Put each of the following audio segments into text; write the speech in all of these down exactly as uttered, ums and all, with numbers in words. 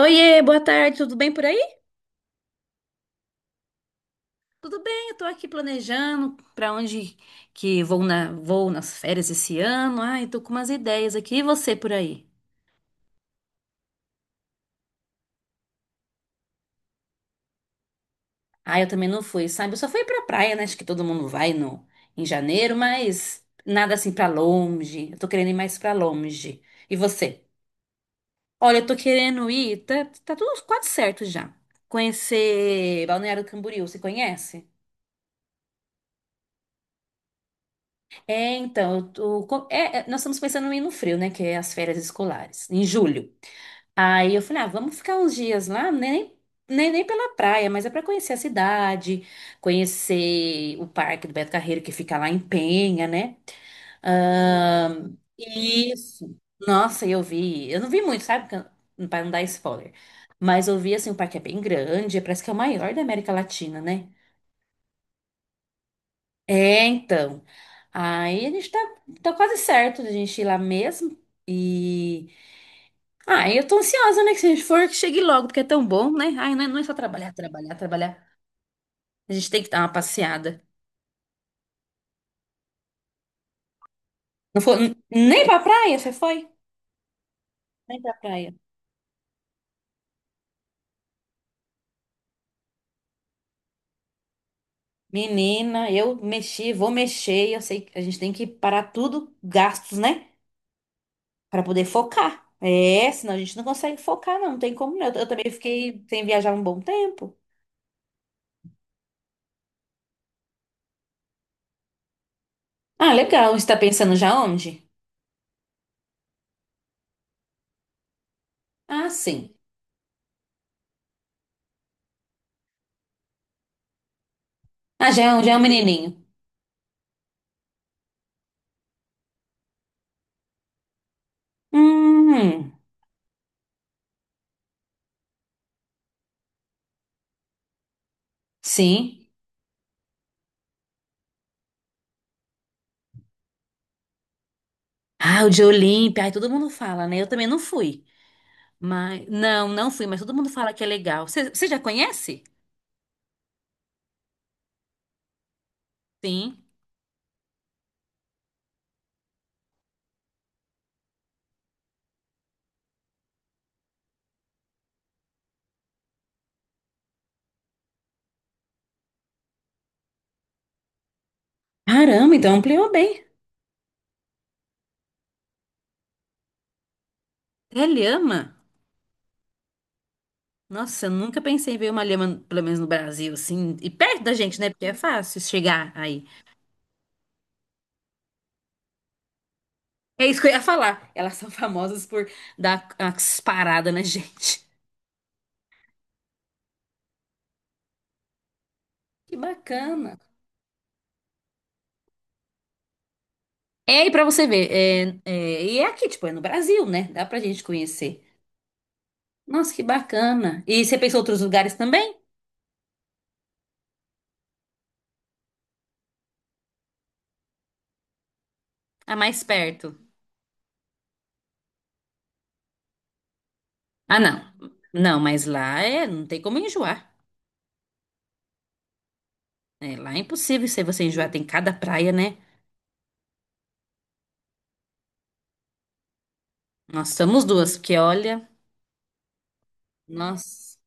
Oiê, boa tarde, tudo bem por aí? Tudo bem, eu tô aqui planejando para onde que vou na, vou nas férias esse ano. Ai, tô com umas ideias aqui. E você por aí? Ah, eu também não fui, sabe? Eu só fui pra praia, né? Acho que todo mundo vai no em janeiro, mas nada assim pra longe. Eu tô querendo ir mais pra longe. E você? Olha, eu tô querendo ir, tá, tá tudo quase certo já. Conhecer Balneário Camboriú, você conhece? É, então, eu tô- co- é, é, Nós estamos pensando em ir no frio, né? Que é as férias escolares, em julho. Aí eu falei, ah, vamos ficar uns dias lá, né, nem, nem, nem pela praia, mas é para conhecer a cidade, conhecer o Parque do Beto Carreiro, que fica lá em Penha, né? Ah, Ahn, isso. Nossa, eu vi. Eu não vi muito, sabe? Para não dar spoiler. Mas eu vi, assim, o parque é bem grande, é, parece que é o maior da América Latina, né? É, então. Aí a gente tá, Tá quase certo de a gente ir lá mesmo. E. Ah, eu tô ansiosa, né? Que se a gente for, que chegue logo, porque é tão bom, né? Ai, não é, não é só trabalhar, trabalhar, trabalhar. A gente tem que dar uma passeada. Não foi, n- nem pra praia, você foi? Nem pra praia. Menina, eu mexi, vou mexer. Eu sei que a gente tem que parar tudo, gastos, né? Pra poder focar. É, senão a gente não consegue focar, não, não tem como. Não. Eu, eu também fiquei sem viajar um bom tempo. Ah, legal. Você tá pensando já onde? Ah, sim. Ah, já é um, já é um menininho. Hum, sim. Ah, o de Olímpia. Ai, todo mundo fala, né? Eu também não fui. Mas, não, não fui, mas todo mundo fala que é legal. Você você já conhece? Sim. Caramba, então ampliou bem. É lhama? Nossa, eu nunca pensei em ver uma lhama, pelo menos no Brasil, assim, e perto da gente, né? Porque é fácil chegar aí. É isso que eu ia falar. Elas são famosas por dar umas paradas na gente. Que bacana. É, e pra você ver, é, é, e é aqui, tipo, é no Brasil, né? Dá pra gente conhecer. Nossa, que bacana. E você pensou em outros lugares também? Ah, mais perto. Ah, não. Não, mas lá é, não tem como enjoar. É, lá é impossível se você enjoar, tem cada praia, né? Nós somos duas, porque olha, nossa.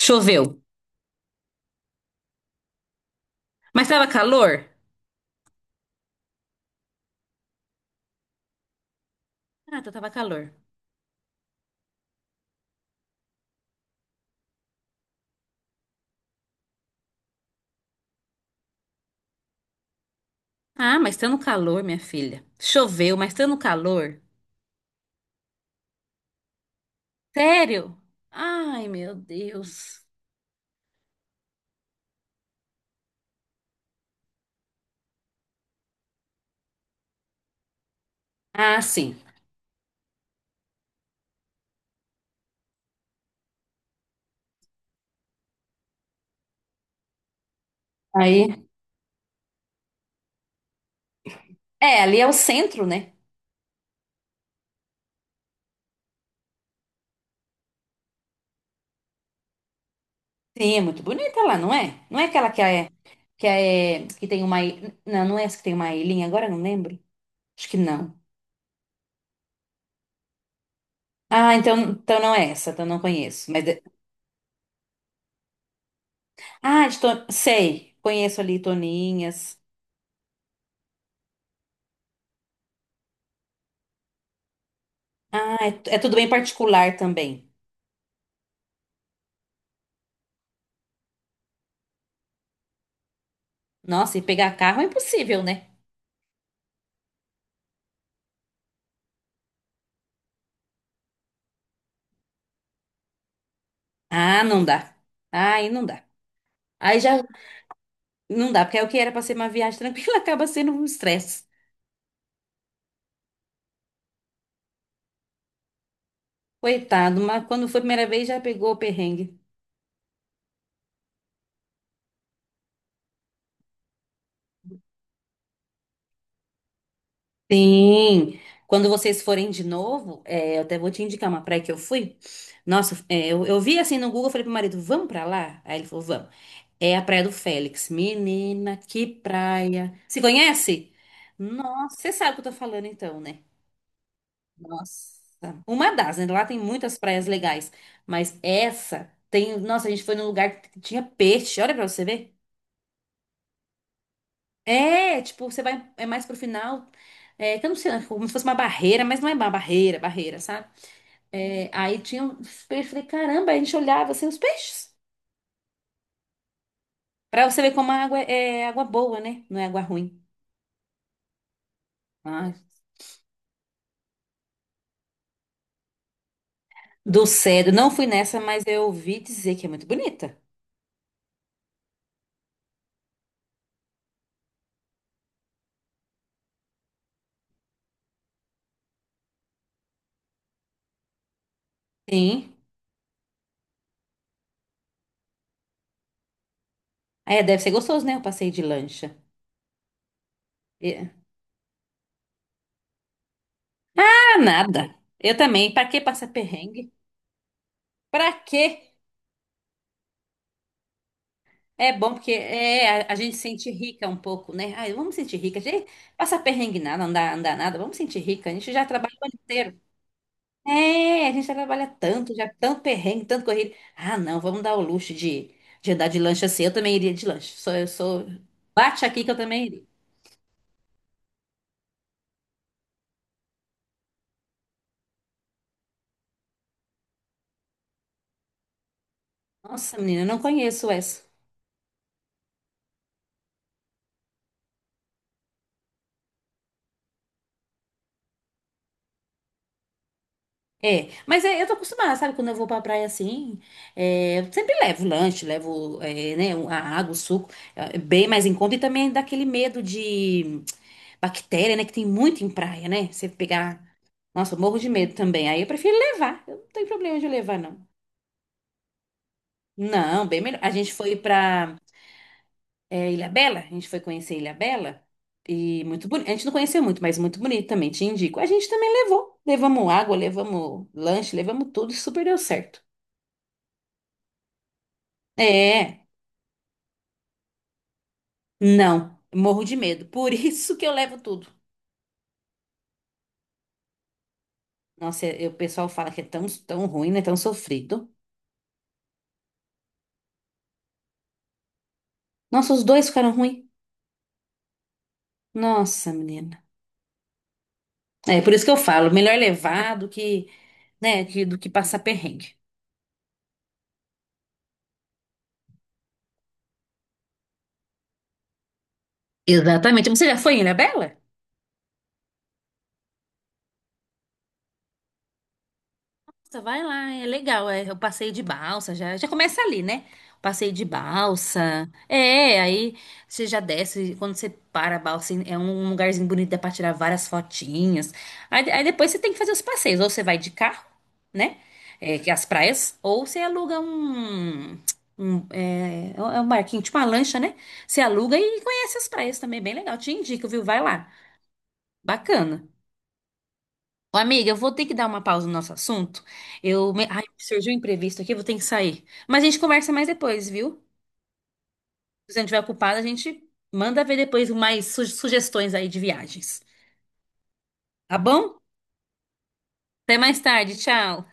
Choveu. Mas tava calor? Ah, então tava calor. Ah, mas tá no calor, minha filha. Choveu, mas tá no calor. Sério? Ai, meu Deus. Ah, sim. Aí. É, ali é o centro, né? Sim, é muito bonita lá, não é? Não é aquela que é que é que tem uma i- não, não é essa que tem uma ilhinha, agora eu não lembro. Acho que não. Ah, então, então não é essa, então não conheço. Mas de- ah, de Ton- sei, conheço ali Toninhas. Ah, é, tu- é tudo bem particular também. Nossa, e pegar carro é impossível, né? Ah, não dá. Aí não dá. Aí já não dá, porque é o que era pra ser uma viagem tranquila acaba sendo um estresse. Coitado, mas quando foi a primeira vez já pegou o perrengue. Sim, quando vocês forem de novo, é, eu até vou te indicar uma praia que eu fui. Nossa, é, eu, eu vi assim no Google, falei pro marido, vamos pra lá? Aí ele falou, vamos. É a Praia do Félix. Menina, que praia. Se conhece? Nossa, você sabe o que eu tô falando então, né? Nossa, uma das, né? Lá tem muitas praias legais, mas essa tem. Nossa, a gente foi num lugar que tinha peixe, olha pra você ver. É, tipo, você vai, é mais pro final, é, que eu não sei, né, como se fosse uma barreira, mas não é uma barreira, barreira, sabe? É, aí tinha os peixes, falei, caramba, aí a gente olhava assim os peixes, pra você ver como a água é, é água boa, né? Não é água ruim. Ah, do cedo, não fui nessa, mas eu ouvi dizer que é muito bonita. Sim. É, deve ser gostoso, né? O passeio de lancha. É. Ah, nada. Eu também, pra que passar perrengue? Pra quê? É bom porque é, a, a gente sente rica um pouco, né? Ai, vamos sentir rica. A gente passa perrengue nada, não dá, não dá nada. Vamos sentir rica. A gente já trabalha o ano inteiro. É, a gente já trabalha tanto, já tanto perrengue, tanto corrido. Ah, não, vamos dar o luxo de, de andar de lanche assim. Eu também iria de lanche. Sou, eu sou. Bate aqui que eu também iria. Nossa, menina, eu não conheço essa. É, mas é, eu tô acostumada, sabe? Quando eu vou pra praia assim, é, eu sempre levo lanche, levo, é, né, a água, o suco, é, bem mais em conta e também dá aquele medo de. Bactéria, né? Que tem muito em praia, né? Você pegar. Nossa, eu morro de medo também. Aí eu prefiro levar. Eu não tenho problema de levar, não. Não, bem melhor. A gente foi pra é, Ilhabela. A gente foi conhecer Ilhabela. E muito bonito. A gente não conheceu muito, mas muito bonito também. Te indico. A gente também levou. Levamos água, levamos lanche, levamos tudo. E super deu certo. É. Não. Morro de medo. Por isso que eu levo tudo. Nossa, eu- o pessoal fala que é tão, tão ruim, né? Tão sofrido. Nossa, os dois ficaram ruins. Nossa, menina. É por isso que eu falo, melhor levar do que, né, que- do que passar perrengue. Exatamente. Você já foi em Ilhabela? Nossa, vai lá, é legal. É o passeio de balsa, já, já começa ali, né? O passeio de balsa. É, aí você já desce, quando você para a balsa, assim, é um um lugarzinho bonito, dá pra tirar várias fotinhas. Aí, aí depois você tem que fazer os passeios, ou você vai de carro, né? É, que é as praias, ou você aluga um. Um, é, é um barquinho, tipo uma lancha, né? Você aluga e conhece as praias também, bem legal. Te indico, viu? Vai lá. Bacana. Ô, amiga, eu vou ter que dar uma pausa no nosso assunto. Eu, me- ai, surgiu um imprevisto aqui, eu vou ter que sair. Mas a gente conversa mais depois, viu? Se a gente tiver ocupada, a gente manda ver depois mais su- sugestões aí de viagens. Tá bom? Até mais tarde, tchau.